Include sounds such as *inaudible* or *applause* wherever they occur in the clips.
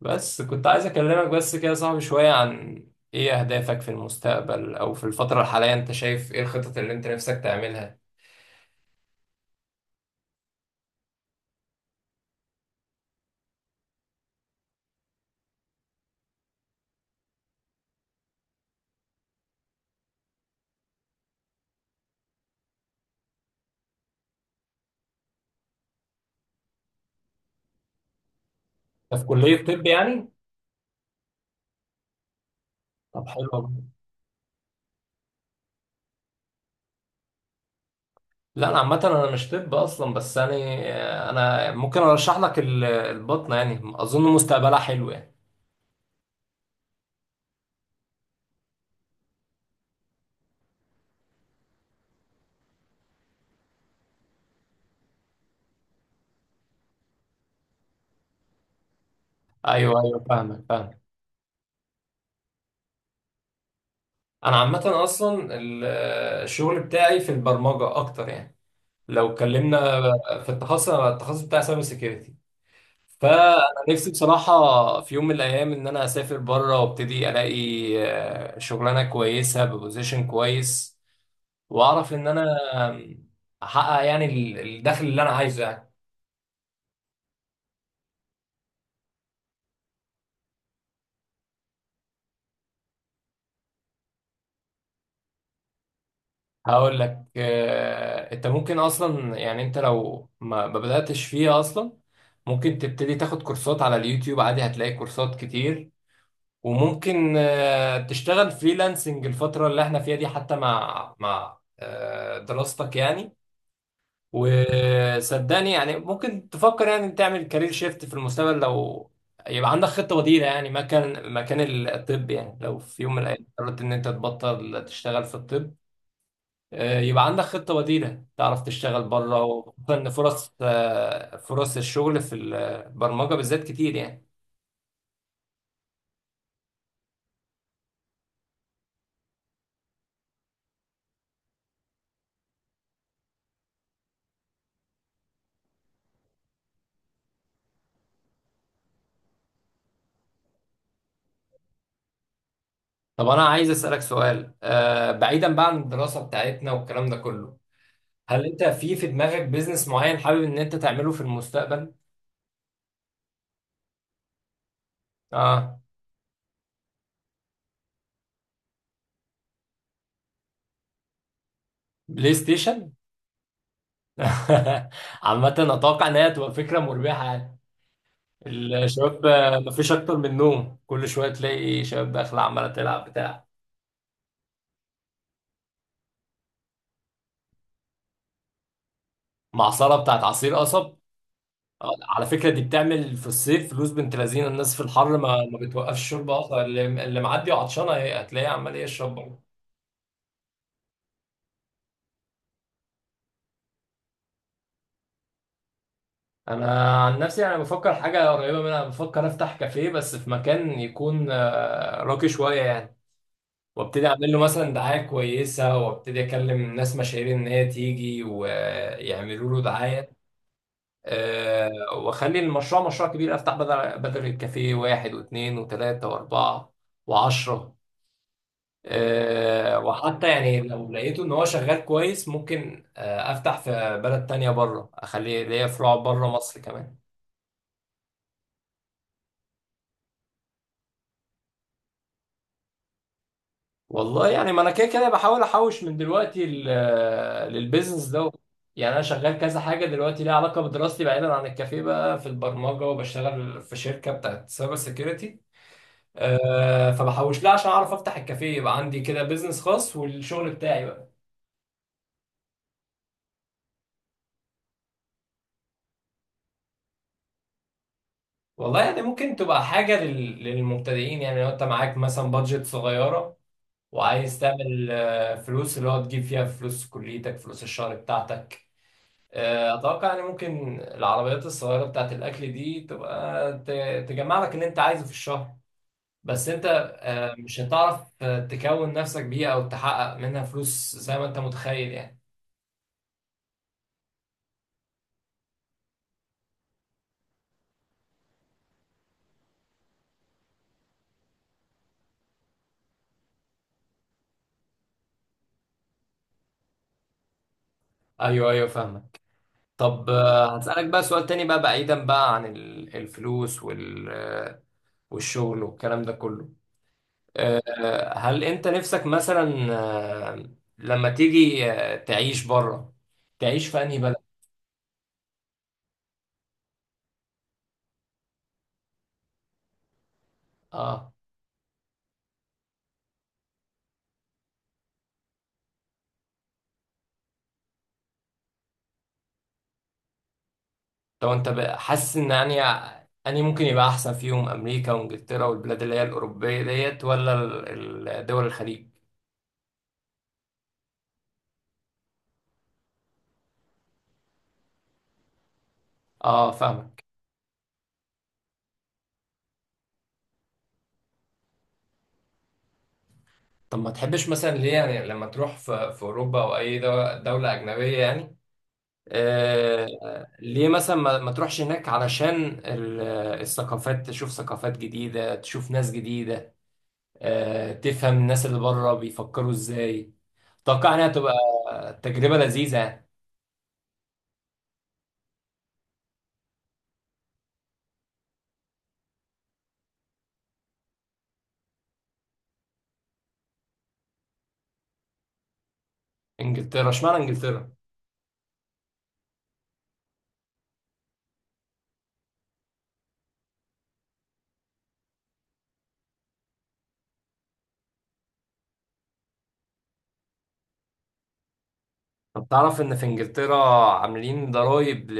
بس كنت عايز اكلمك بس كده يا صاحبي شوية عن ايه اهدافك في المستقبل او في الفترة الحالية، انت شايف ايه الخطط اللي انت نفسك تعملها؟ انت في كلية طب يعني؟ طب حلو أوي. لا انا عامة انا مش طب اصلا بس يعني انا ممكن ارشح لك البطنة، يعني اظن مستقبلها حلو يعني. ايوه ايوه فاهمك فاهمك. انا عامة اصلا الشغل بتاعي في البرمجة اكتر يعني. لو اتكلمنا في التخصص، أنا التخصص بتاعي سايبر سيكيورتي، فانا نفسي بصراحه في يوم من الايام ان انا اسافر بره وابتدي الاقي شغلانه كويسه ببوزيشن كويس، واعرف ان انا آم، احقق يعني الدخل اللي انا عايزه يعني. هقول لك انت ممكن اصلا، يعني انت لو ما بداتش فيها اصلا، ممكن تبتدي تاخد كورسات على اليوتيوب عادي، هتلاقي كورسات كتير. وممكن تشتغل فريلانسنج الفتره اللي احنا فيها دي حتى مع دراستك يعني. وصدقني يعني ممكن تفكر يعني تعمل كارير شيفت في المستقبل، لو يبقى عندك خطة بديلة يعني مكان الطب يعني، لو في يوم من الأيام قررت إن أنت تبطل تشتغل في الطب، يبقى عندك خطة بديلة تعرف تشتغل بره، وخصوصا إن فرص الشغل في البرمجة بالذات كتير يعني. طب أنا عايز أسألك سؤال، بعيدا بقى عن الدراسة بتاعتنا والكلام ده كله، هل أنت في دماغك بيزنس معين حابب إن أنت تعمله في المستقبل؟ آه. بلاي ستيشن؟ *laughs* عامة أتوقع إن هي تبقى فكرة مربحة يعني. الشباب مفيش أكتر من نوم، كل شوية تلاقي شباب داخلة عمالة تلعب بتاع. معصرة بتاعت عصير قصب. على فكرة دي بتعمل في الصيف فلوس بنت لذينة، الناس في الحر ما بتوقفش شرب أصلا، اللي معدي وعطشانة هي هتلاقيه عمال يشرب برضه. أنا عن نفسي أنا بفكر حاجة قريبة منها، بفكر أفتح كافيه بس في مكان يكون راقي شوية يعني، وابتدي اعمل له مثلا دعايه كويسه، وابتدي اكلم ناس مشاهير ان هي تيجي ويعملوا له دعايه. أه، واخلي المشروع مشروع كبير، افتح بدل الكافيه واحد واثنين وثلاثه واربعه وعشره. أه، وحتى يعني لو لقيته ان هو شغال كويس ممكن افتح في بلد تانية بره، اخليه ليا فروع بره مصر كمان. والله يعني، ما انا كده كده بحاول احوش من دلوقتي للبيزنس ده. يعني انا شغال كذا حاجه دلوقتي ليها علاقه بدراستي بعيدا عن الكافيه بقى، في البرمجه وبشتغل في شركه بتاعت سايبر سيكيورتي. أه، فبحوش لها عشان اعرف افتح الكافيه، يبقى عندي كده بيزنس خاص والشغل بتاعي بقى. والله يعني ممكن تبقى حاجه للمبتدئين يعني، لو انت معاك مثلا بادجت صغيره وعايز تعمل فلوس، اللي هو تجيب فيها فلوس كليتك فلوس الشهر بتاعتك. اتوقع يعني ممكن العربيات الصغيره بتاعت الاكل دي تبقى تجمع لك اللي انت عايزه في الشهر، بس انت مش هتعرف تكون نفسك بيها او تحقق منها فلوس زي ما انت متخيل يعني. ايوه ايوه فاهمك. طب هسألك بقى سؤال تاني بقى، بعيدا بقى عن الفلوس وال آه، والشغل والكلام ده كله، هل انت نفسك مثلا آه، لما تيجي تعيش بره، تعيش في انهي بلد؟ اه. طب انت حاسس ان يعني اني ممكن يبقى احسن فيهم امريكا وانجلترا والبلاد اللي هي الاوروبيه ديت، ولا دول الخليج؟ اه فاهمك. طب ما تحبش مثلا ليه يعني، لما تروح في في اوروبا او اي دوله اجنبيه يعني؟ آه، ليه مثلا ما تروحش هناك، علشان الثقافات، تشوف ثقافات جديده تشوف ناس جديده، آه تفهم الناس اللي بره بيفكروا ازاي؟ اتوقع انها تبقى تجربه لذيذه يعني. انجلترا؟ اشمعنى انجلترا؟ طب تعرف ان في انجلترا عاملين ضرايب ل...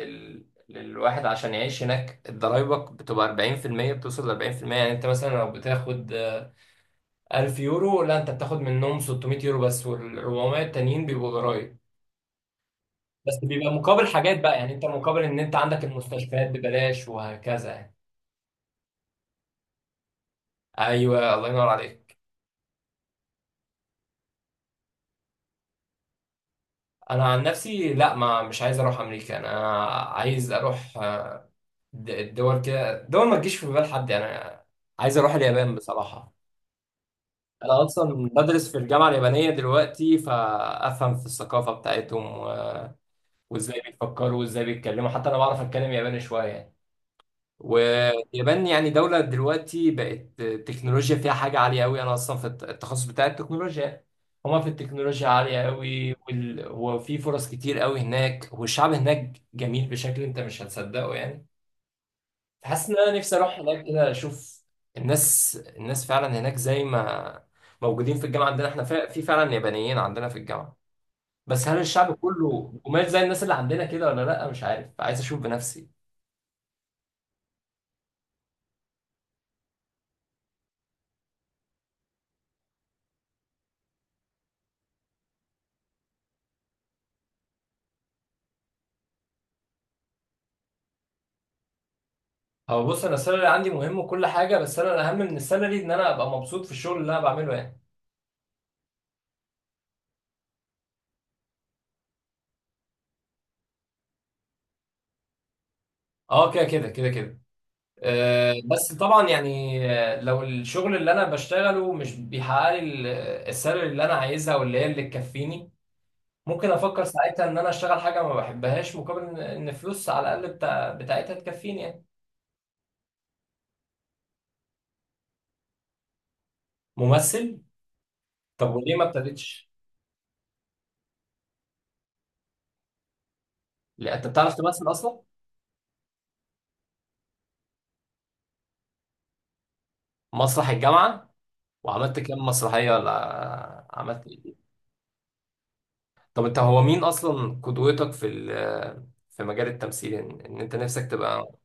للواحد عشان يعيش هناك؟ ضرايبك بتبقى 40%، بتوصل ل 40%، يعني انت مثلا لو بتاخد 1000 يورو، لا انت بتاخد منهم 600 يورو بس، وال 400 التانيين بيبقوا ضرايب. بس بيبقى مقابل حاجات بقى، يعني انت مقابل ان انت عندك المستشفيات ببلاش وهكذا يعني. ايوه، الله ينور عليك. انا عن نفسي لا، ما مش عايز اروح امريكا، انا عايز اروح الدول كده، دول ما تجيش في بال حد، يعني انا عايز اروح اليابان بصراحة. انا اصلا بدرس في الجامعه اليابانيه دلوقتي، فافهم في الثقافه بتاعتهم وازاي بيفكروا وازاي بيتكلموا، حتى انا بعرف اتكلم ياباني شويه يعني. واليابان يعني دوله دلوقتي بقت التكنولوجيا فيها حاجه عاليه قوي، انا اصلا في التخصص بتاع التكنولوجيا. هما في التكنولوجيا عاليه قوي، وفي فرص كتير قوي هناك، والشعب هناك جميل بشكل انت مش هتصدقه يعني. حاسس ان انا نفسي اروح هناك كده اشوف. الناس فعلا هناك زي ما موجودين في الجامعه عندنا، احنا في فعلا يابانيين عندنا في الجامعه، بس هل الشعب كله قماش زي الناس اللي عندنا كده ولا لا؟ مش عارف، عايز اشوف بنفسي. هو بص، انا السالري عندي مهم وكل حاجه، بس انا الاهم من السالري ان انا ابقى مبسوط في الشغل اللي انا بعمله يعني. اه كده كده كده كده. أه بس طبعا يعني، لو الشغل اللي انا بشتغله مش بيحقق لي السالري اللي انا عايزها واللي هي اللي تكفيني، ممكن افكر ساعتها ان انا اشتغل حاجه ما بحبهاش، مقابل ان إن فلوس على الاقل بتاعتها تكفيني يعني. ممثل؟ طب وليه ما ابتديتش؟ لا انت بتعرف تمثل اصلا؟ مسرح الجامعه، وعملت كام مسرحيه ولا عملت إيه؟ طب انت هو مين اصلا قدوتك في في مجال التمثيل ان إن انت نفسك تبقى؟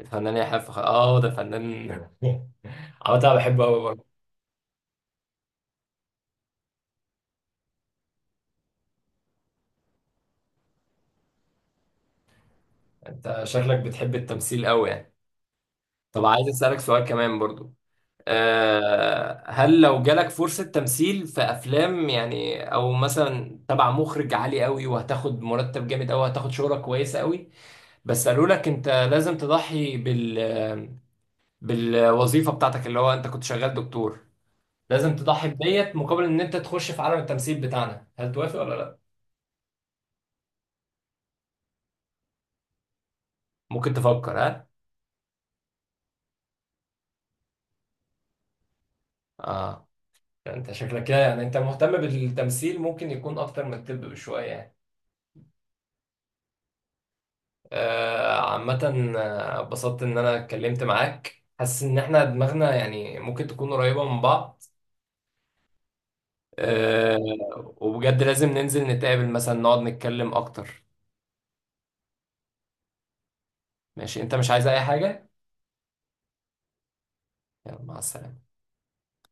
الفنان يحيى الفخري، اه ده فنان. *laughs* عامة انا بحبه قوي برضه. انت شكلك بتحب التمثيل قوي يعني. طب عايز اسالك سؤال كمان برضه، هل لو جالك فرصة تمثيل في أفلام يعني، أو مثلا تبع مخرج عالي قوي، وهتاخد مرتب جامد أوي، هتاخد شهرة كويسة قوي، بس قالوا لك أنت لازم تضحي بال بالوظيفة بتاعتك، اللي هو أنت كنت شغال دكتور، لازم تضحي بديت مقابل إن أنت تخش في عالم التمثيل بتاعنا، هل توافق ولا لأ؟ ممكن تفكر ها؟ آه. أنت شكلك كده يعني أنت مهتم بالتمثيل ممكن يكون أكتر من الطب بشوية يعني. عامة اتبسطت إن أنا اتكلمت معاك، حاسس إن إحنا دماغنا يعني ممكن تكون قريبة من بعض. آه، وبجد لازم ننزل نتقابل مثلا، نقعد نتكلم أكتر. ماشي، أنت مش عايز أي حاجة؟ يلا مع السلامة.